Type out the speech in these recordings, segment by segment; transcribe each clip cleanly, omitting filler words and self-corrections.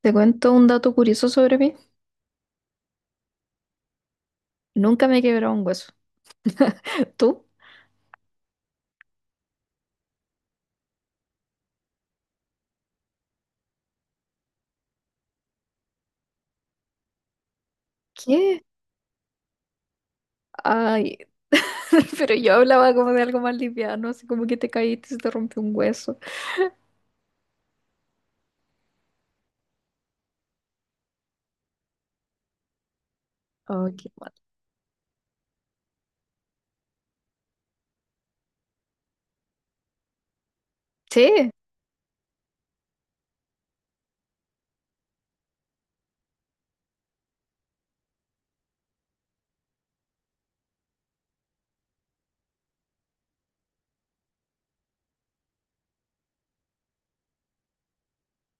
Te cuento un dato curioso sobre mí. Nunca me he quebrado un hueso. ¿Tú? ¿Qué? Ay, pero yo hablaba como de algo más liviano, así como que te caíste y se te rompió un hueso. Oh, qué mal. Sí,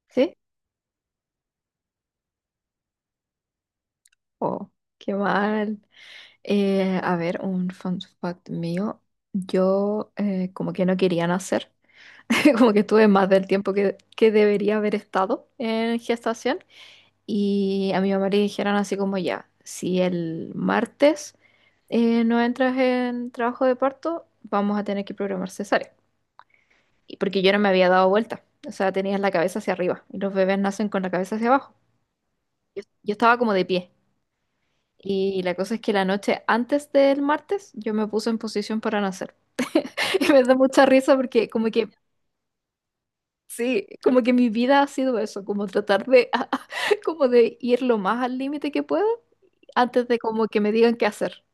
sí. Oh, qué mal. A ver, un fun fact mío. Yo como que no quería nacer. Como que estuve más del tiempo que debería haber estado en gestación. Y a mi mamá le dijeron así como ya, si el martes no entras en trabajo de parto, vamos a tener que programar cesárea. Y porque yo no me había dado vuelta, o sea, tenías la cabeza hacia arriba y los bebés nacen con la cabeza hacia abajo. Yo estaba como de pie. Y la cosa es que la noche antes del martes yo me puse en posición para nacer. Y me da mucha risa porque como que, sí, como que mi vida ha sido eso, como tratar de, como de ir lo más al límite que puedo antes de como que me digan qué hacer.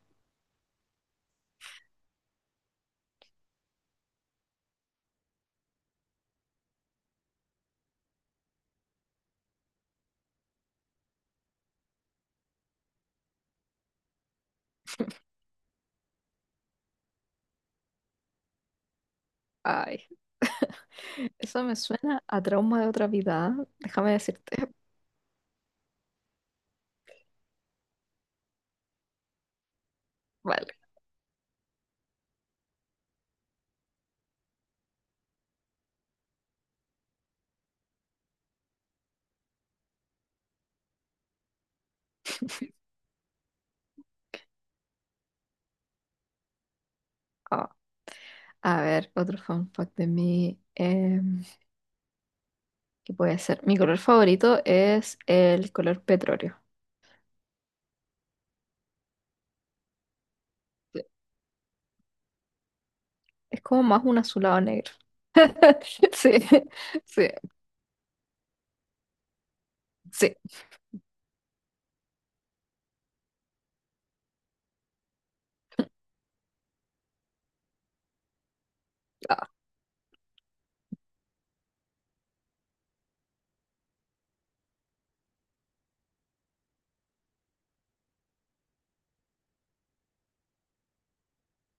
Ay, eso me suena a trauma de otra vida. ¿Ah? Déjame decirte. Vale. Ah, a ver, otro fun fact de mí. ¿Qué puede ser? Mi color favorito es el color petróleo. Es como más un azulado negro. Sí, sí, sí. Ah,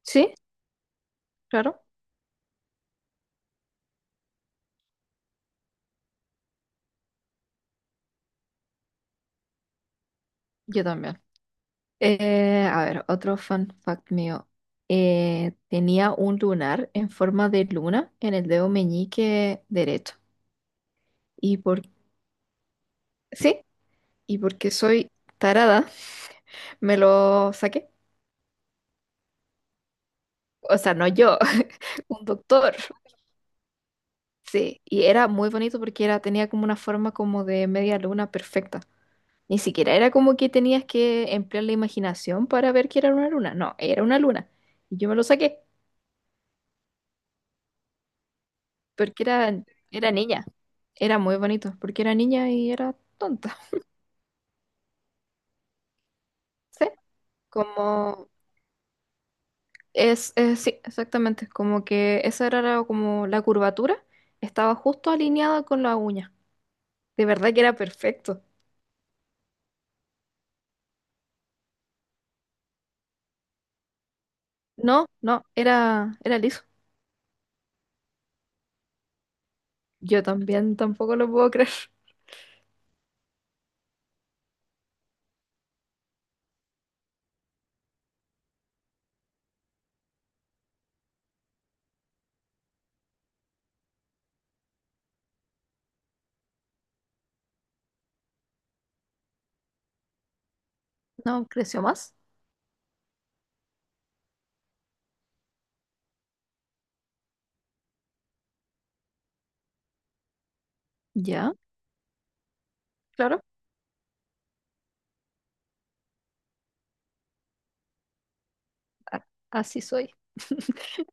sí, claro. Yo también. A ver, otro fun fact mío. Tenía un lunar en forma de luna en el dedo meñique derecho. ¿Y por Sí. Y porque soy tarada, me lo saqué. O sea, no yo, un doctor. Sí, y era muy bonito porque era, tenía como una forma como de media luna perfecta. Ni siquiera era como que tenías que emplear la imaginación para ver que era una luna. No, era una luna. Y yo me lo saqué porque era, era niña. Era muy bonito porque era niña y era tonta. ¿Sí? Como sí, exactamente. Como que esa era la- como la curvatura estaba justo alineada con la uña. De verdad que era perfecto. No, no, era, era liso. Yo también tampoco lo puedo creer. No, creció más. Ya, claro. a- Así soy.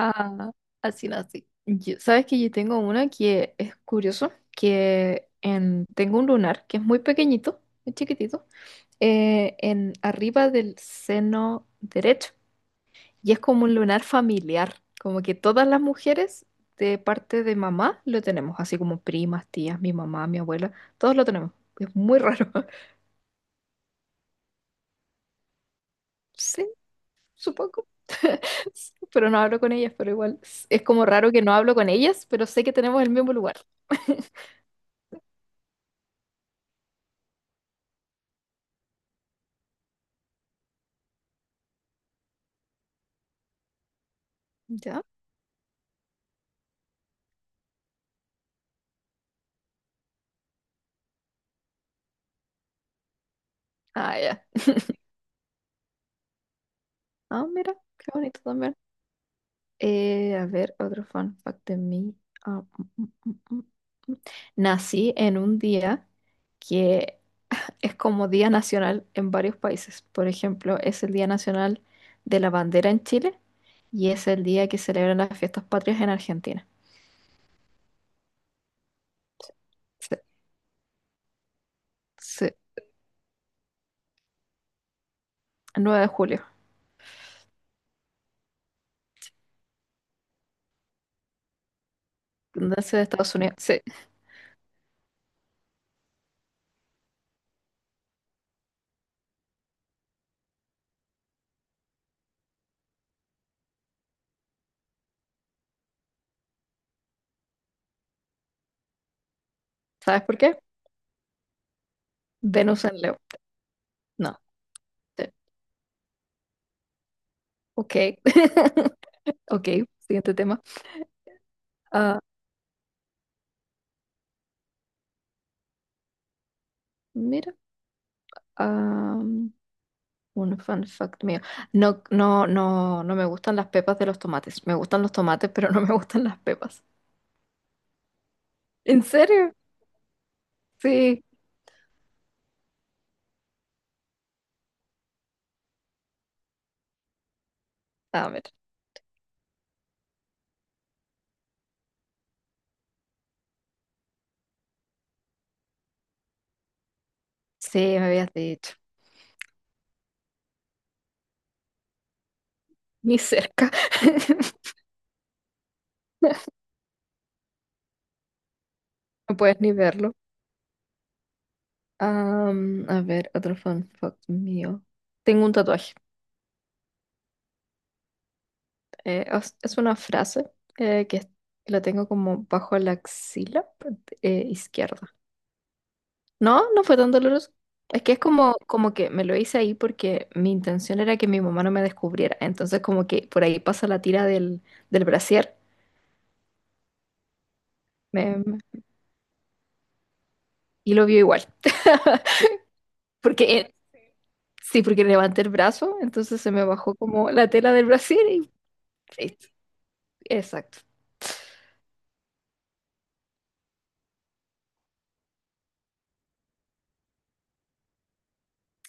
Ah, así nací. Yo- ¿sabes que yo tengo una que es curioso? Que en, tengo un lunar que es muy pequeñito, muy chiquitito, en arriba del seno derecho. Y es como un lunar familiar, como que todas las mujeres de parte de mamá lo tenemos, así como primas, tías, mi mamá, mi abuela, todos lo tenemos. Es muy raro. Sí, supongo. Sí, pero no hablo con ellas, pero igual es como raro que no hablo con ellas, pero sé que tenemos el mismo lugar. ¿Ya? Ah, ya. Ah, mira, qué bonito también. A ver, otro fun fact de mí. Ah, mm, mm, mm, mm, mm. Nací en un día que es como día nacional en varios países. Por ejemplo, es el Día Nacional de la Bandera en Chile y es el día que celebran las fiestas patrias en Argentina. Sí, sí, el de julio. Independencia de Estados Unidos. Sí. ¿Sabes por qué? Venus en Leo. No. Sí. Ok. Ok, siguiente tema. Ah, mira, ah, un fun fact mío. No, no, no, no me gustan las pepas de los tomates. Me gustan los tomates, pero no me gustan las pepas. ¿En serio? Sí. Ah, mira. Sí, me habías dicho. Ni cerca. No puedes ni verlo. A ver, otro fun fact mío. Tengo un tatuaje. Es una frase que la tengo como bajo la axila izquierda. No, no fue tan doloroso. Es que es como, como que me lo hice ahí porque mi intención era que mi mamá no me descubriera. Entonces como que por ahí pasa la tira del brasier me- me- y lo vio igual. Porque sí, porque levanté el brazo, entonces se me bajó como la tela del brasier y... y- Exacto.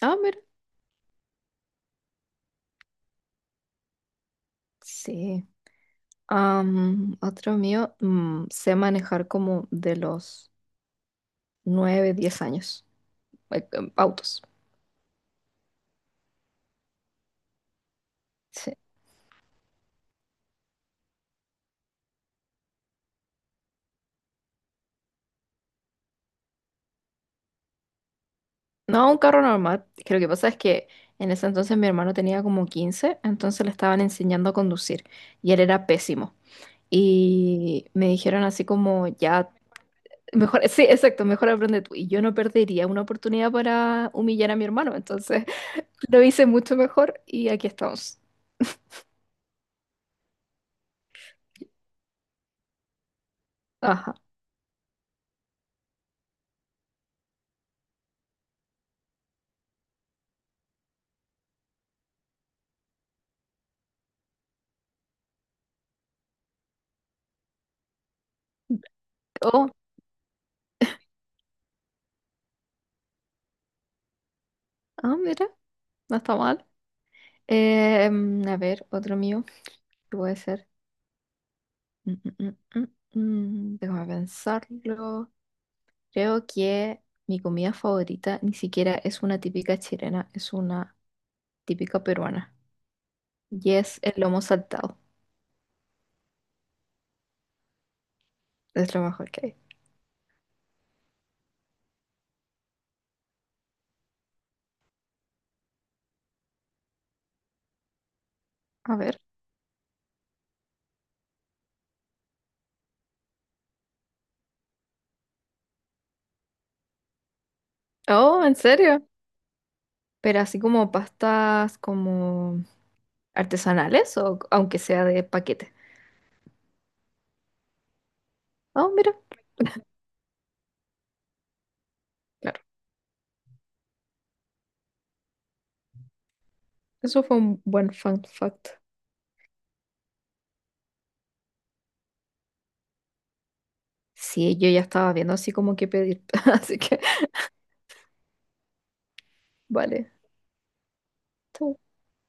Ah, mira. Sí. Otro mío, sé manejar como de los 9 o 10 años. Autos. Sí. No, un carro normal. Que lo que pasa es que en ese entonces mi hermano tenía como 15, entonces le estaban enseñando a conducir y él era pésimo. Y me dijeron así como, ya mejor, sí, exacto, mejor aprende tú. Y yo no perdería una oportunidad para humillar a mi hermano. Entonces lo hice mucho mejor y aquí estamos. Ajá. Oh, ah, mira, no está mal. A ver, otro mío. ¿Qué puede ser? Mm, mm, mm, mm, Déjame pensarlo. Creo que mi comida favorita ni siquiera es una típica chilena, es una típica peruana. Y es el lomo saltado. Es lo mejor que hay. A ver. Oh, ¿en serio? Pero así como pastas como artesanales o aunque sea de paquete. Ah, mira, claro. Eso fue un buen fun fact. Sí, yo ya estaba viendo así como que pedir. Así que, vale.